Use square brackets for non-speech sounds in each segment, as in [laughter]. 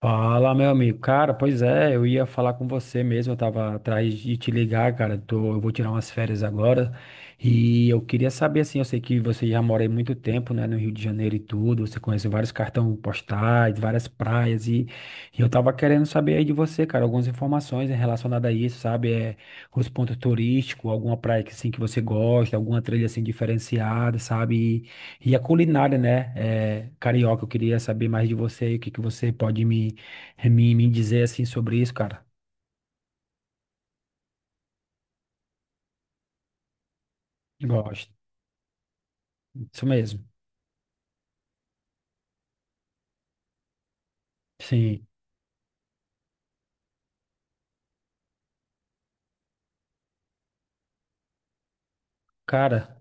Fala, meu amigo. Cara, pois é, eu ia falar com você mesmo, eu tava atrás de te ligar, cara. Tô, eu vou tirar umas férias agora e eu queria saber, assim, eu sei que você já mora aí muito tempo, né, no Rio de Janeiro e tudo, você conhece vários cartões postais, várias praias e eu tava querendo saber aí de você, cara, algumas informações relacionadas a isso, sabe? Os pontos turísticos, alguma praia que, assim, que você gosta, alguma trilha, assim, diferenciada, sabe? E a culinária, né, carioca, eu queria saber mais de você aí, o que que você pode me me dizer assim sobre isso, cara. Gosto. Isso mesmo. Sim. Cara,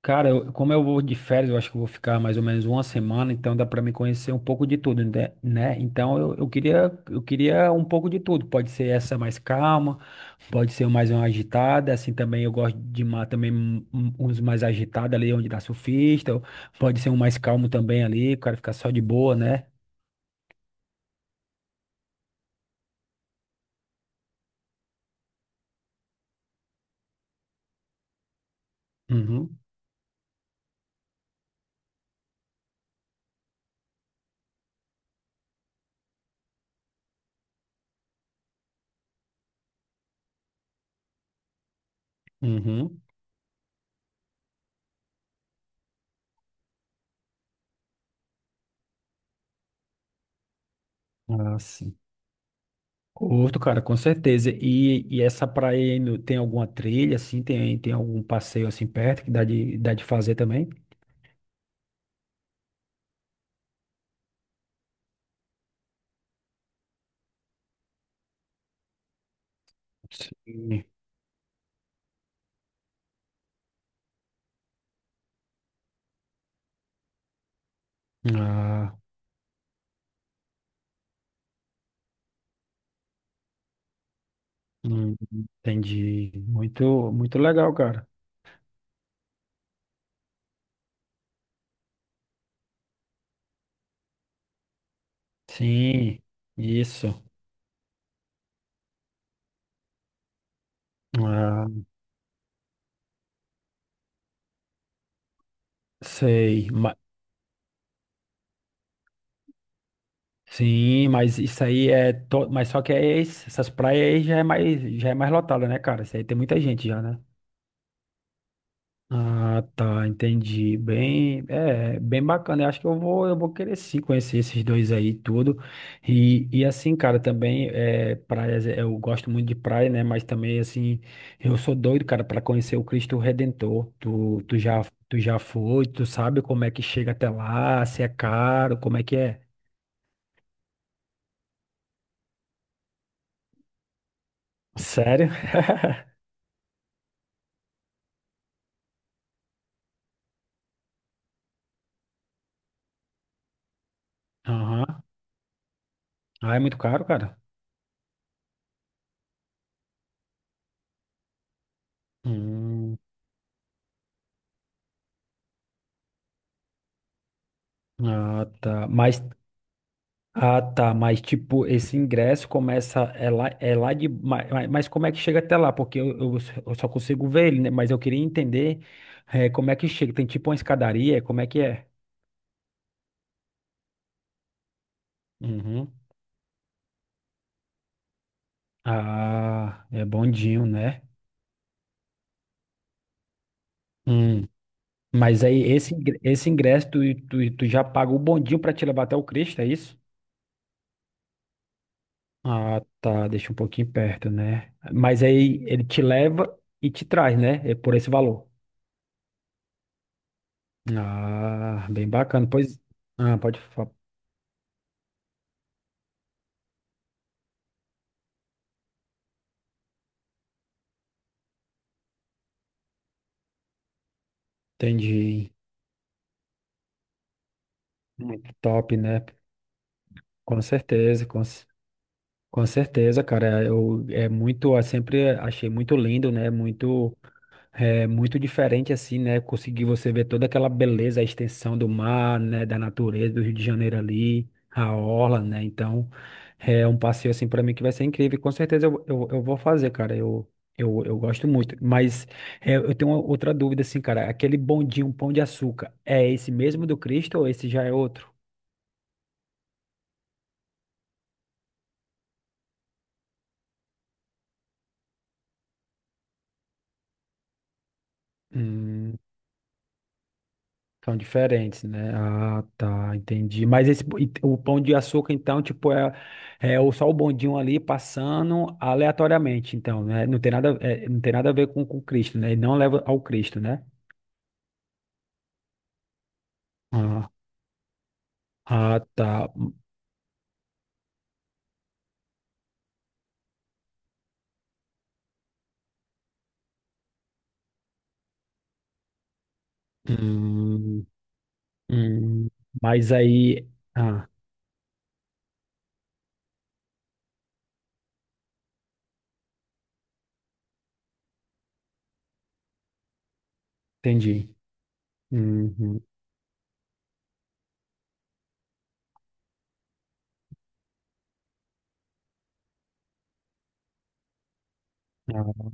cara, como eu vou de férias, eu acho que eu vou ficar mais ou menos uma semana, então dá pra me conhecer um pouco de tudo, né? Então eu queria um pouco de tudo. Pode ser essa mais calma, pode ser mais uma agitada, assim também eu gosto de uma, também uns mais agitados ali onde dá surfista, ou pode ser um mais calmo também ali, o cara ficar só de boa, né? Uhum, uhum. Ah, sim. Curto, cara, com certeza. E essa praia aí no- tem alguma trilha, assim, tem algum passeio assim perto que dá dá de fazer também? Sim. Ah, hum, entendi. Muito, muito legal, cara. Sim, isso. Ah, sei. Sim, mas isso aí é. To, mas só que é essas praias aí já é mais lotada, né, cara? Isso aí tem muita gente já, né? Ah, tá, entendi. Bem, é, bem bacana. Eu acho que eu vou querer sim conhecer esses dois aí e tudo. E assim, cara, também é, praias, é, eu gosto muito de praia, né? Mas também assim, eu sou doido, cara, para conhecer o Cristo Redentor. Tu já foi, tu sabe como é que chega até lá, se é caro, como é que é? Sério? Aham. Ah, é muito caro, cara. Hum, ah, tá. Mas ah, tá, mas tipo, esse ingresso começa, é lá, mas, como é que chega até lá? Porque eu, eu só consigo ver ele, né? Mas eu queria entender como é que chega, tem tipo uma escadaria, como é que é? Uhum. Ah, é bondinho, né? Hum. Mas aí esse, esse ingresso, tu já paga o bondinho pra te levar até o Cristo, é isso? Ah, tá, deixa um pouquinho perto, né? Mas aí ele te leva e te traz, né? É por esse valor. Ah, bem bacana. Pois, ah, pode falar. Entendi. Muito top, né? Com certeza, com, c- com certeza, cara. Eu é muito, eu sempre achei muito lindo, né? Muito. É muito diferente assim, né? Conseguir você ver toda aquela beleza, a extensão do mar, né? Da natureza do Rio de Janeiro ali, a orla, né? Então, é um passeio assim para mim que vai ser incrível. Com certeza eu vou fazer, cara. Eu gosto muito. Mas é, eu tenho uma outra dúvida assim, cara. Aquele bondinho, um pão de açúcar, é esse mesmo do Cristo ou esse já é outro? Hum. São diferentes, né? Ah, tá, entendi. Mas esse, e o pão de açúcar, então, tipo, é, só o bondinho ali passando aleatoriamente, então, né? Não tem nada, é, não tem nada a ver com Cristo, né? E não leva ao Cristo, né? Ah, ah, tá. Hum, hum. Hum. Mas aí. Ah, entendi. Uhum. Ah,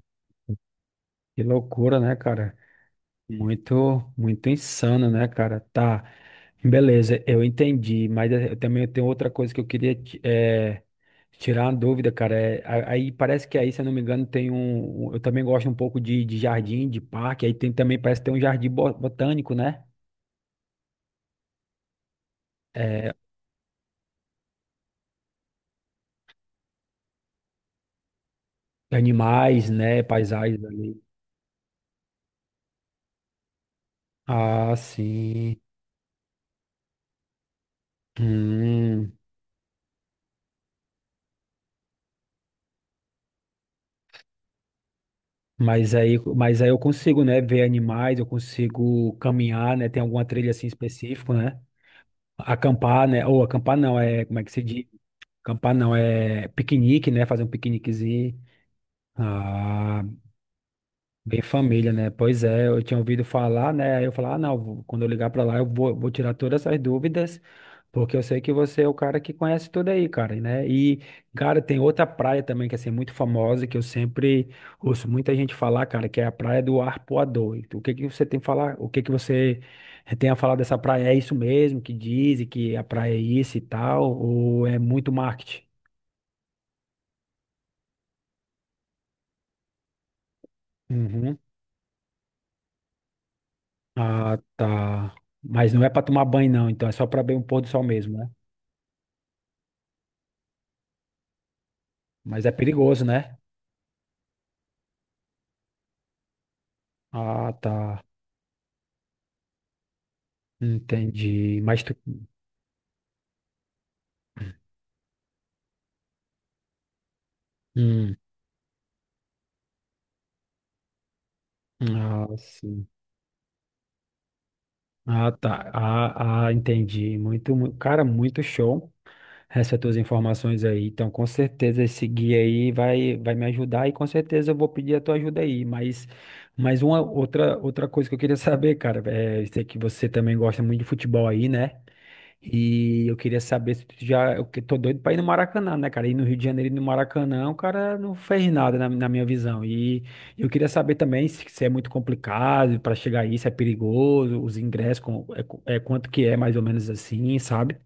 que loucura, né, cara? Muito, muito insano, né, cara? Tá, beleza, eu entendi, mas eu também tenho outra coisa que eu queria tirar uma dúvida, cara. É, aí parece que aí, se eu não me engano, tem eu também gosto um pouco de jardim, de parque, aí tem também, parece que tem um jardim botânico, né? É, animais, né? Paisagens ali. Ah, sim. Hum, mas aí eu consigo, né, ver animais, eu consigo caminhar, né? Tem alguma trilha assim específica, né? Acampar, né? Ou acampar não, é. Como é que se diz? Acampar não, é piquenique, né? Fazer um piqueniquezinho. Ah, bem família, né? Pois é, eu tinha ouvido falar, né? Aí eu falar, ah, não, quando eu ligar pra lá, vou tirar todas essas dúvidas, porque eu sei que você é o cara que conhece tudo aí, cara, né? E, cara, tem outra praia também que é assim, é muito famosa, que eu sempre ouço muita gente falar, cara, que é a Praia do Arpoador. E o que que você tem a falar? O que que você tem a falar dessa praia? É isso mesmo que dizem que a praia é isso e tal, ou é muito marketing? Uhum. Ah, tá. Mas não é pra tomar banho, não, então é só pra ver um pôr do sol mesmo, né? Mas é perigoso, né? Ah, tá. Entendi. Mas tu. Hum. Ah, sim. Ah, tá. Ah, ah, entendi. Muito, cara, muito show. Essas tuas informações aí. Então, com certeza esse guia aí vai, vai me ajudar e com certeza eu vou pedir a tua ajuda aí. Mas uma outra, outra coisa que eu queria [laughs] saber, cara, é, eu sei que você também gosta muito de futebol aí, né? E eu queria saber se tu já. Eu tô doido pra ir no Maracanã, né, cara? Ir no Rio de Janeiro e no Maracanã, o cara não fez nada na, na minha visão. E eu queria saber também se é muito complicado pra chegar aí, se é perigoso, os ingressos, é quanto que é mais ou menos assim, sabe?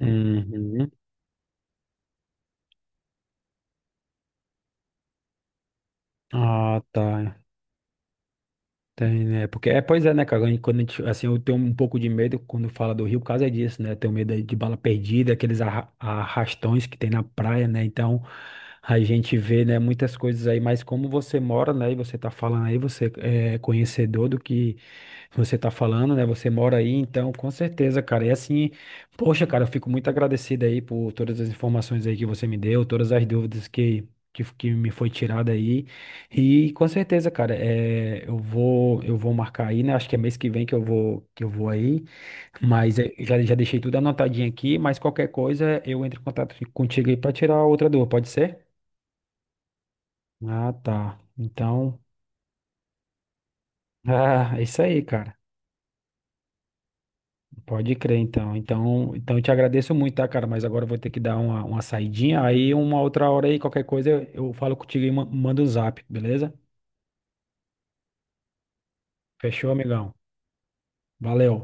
Uhum. Ah, tá. Tem, né? Porque, é, pois é, né, cara? E quando a gente, assim, eu tenho um pouco de medo quando fala do Rio, por causa disso, né? Eu tenho medo aí de bala perdida, aqueles arrastões que tem na praia, né? Então, a gente vê, né, muitas coisas aí, mas como você mora, né, e você tá falando aí, você é conhecedor do que você tá falando, né? Você mora aí, então, com certeza, cara. E assim, poxa, cara, eu fico muito agradecido aí por todas as informações aí que você me deu, todas as dúvidas que me foi tirada aí. E com certeza, cara, é, eu vou marcar aí, né? Acho que é mês que vem que que eu vou aí, mas é, já, já deixei tudo anotadinho aqui, mas qualquer coisa eu entro em contato contigo aí pra tirar outra dúvida, pode ser? Ah, tá. Então, [laughs] ah, é isso aí, cara. Pode crer, então. Então eu te agradeço muito, tá, cara? Mas agora eu vou ter que dar uma saidinha, aí uma outra hora aí, qualquer coisa eu falo contigo e mando o zap, beleza? Fechou, amigão? Valeu.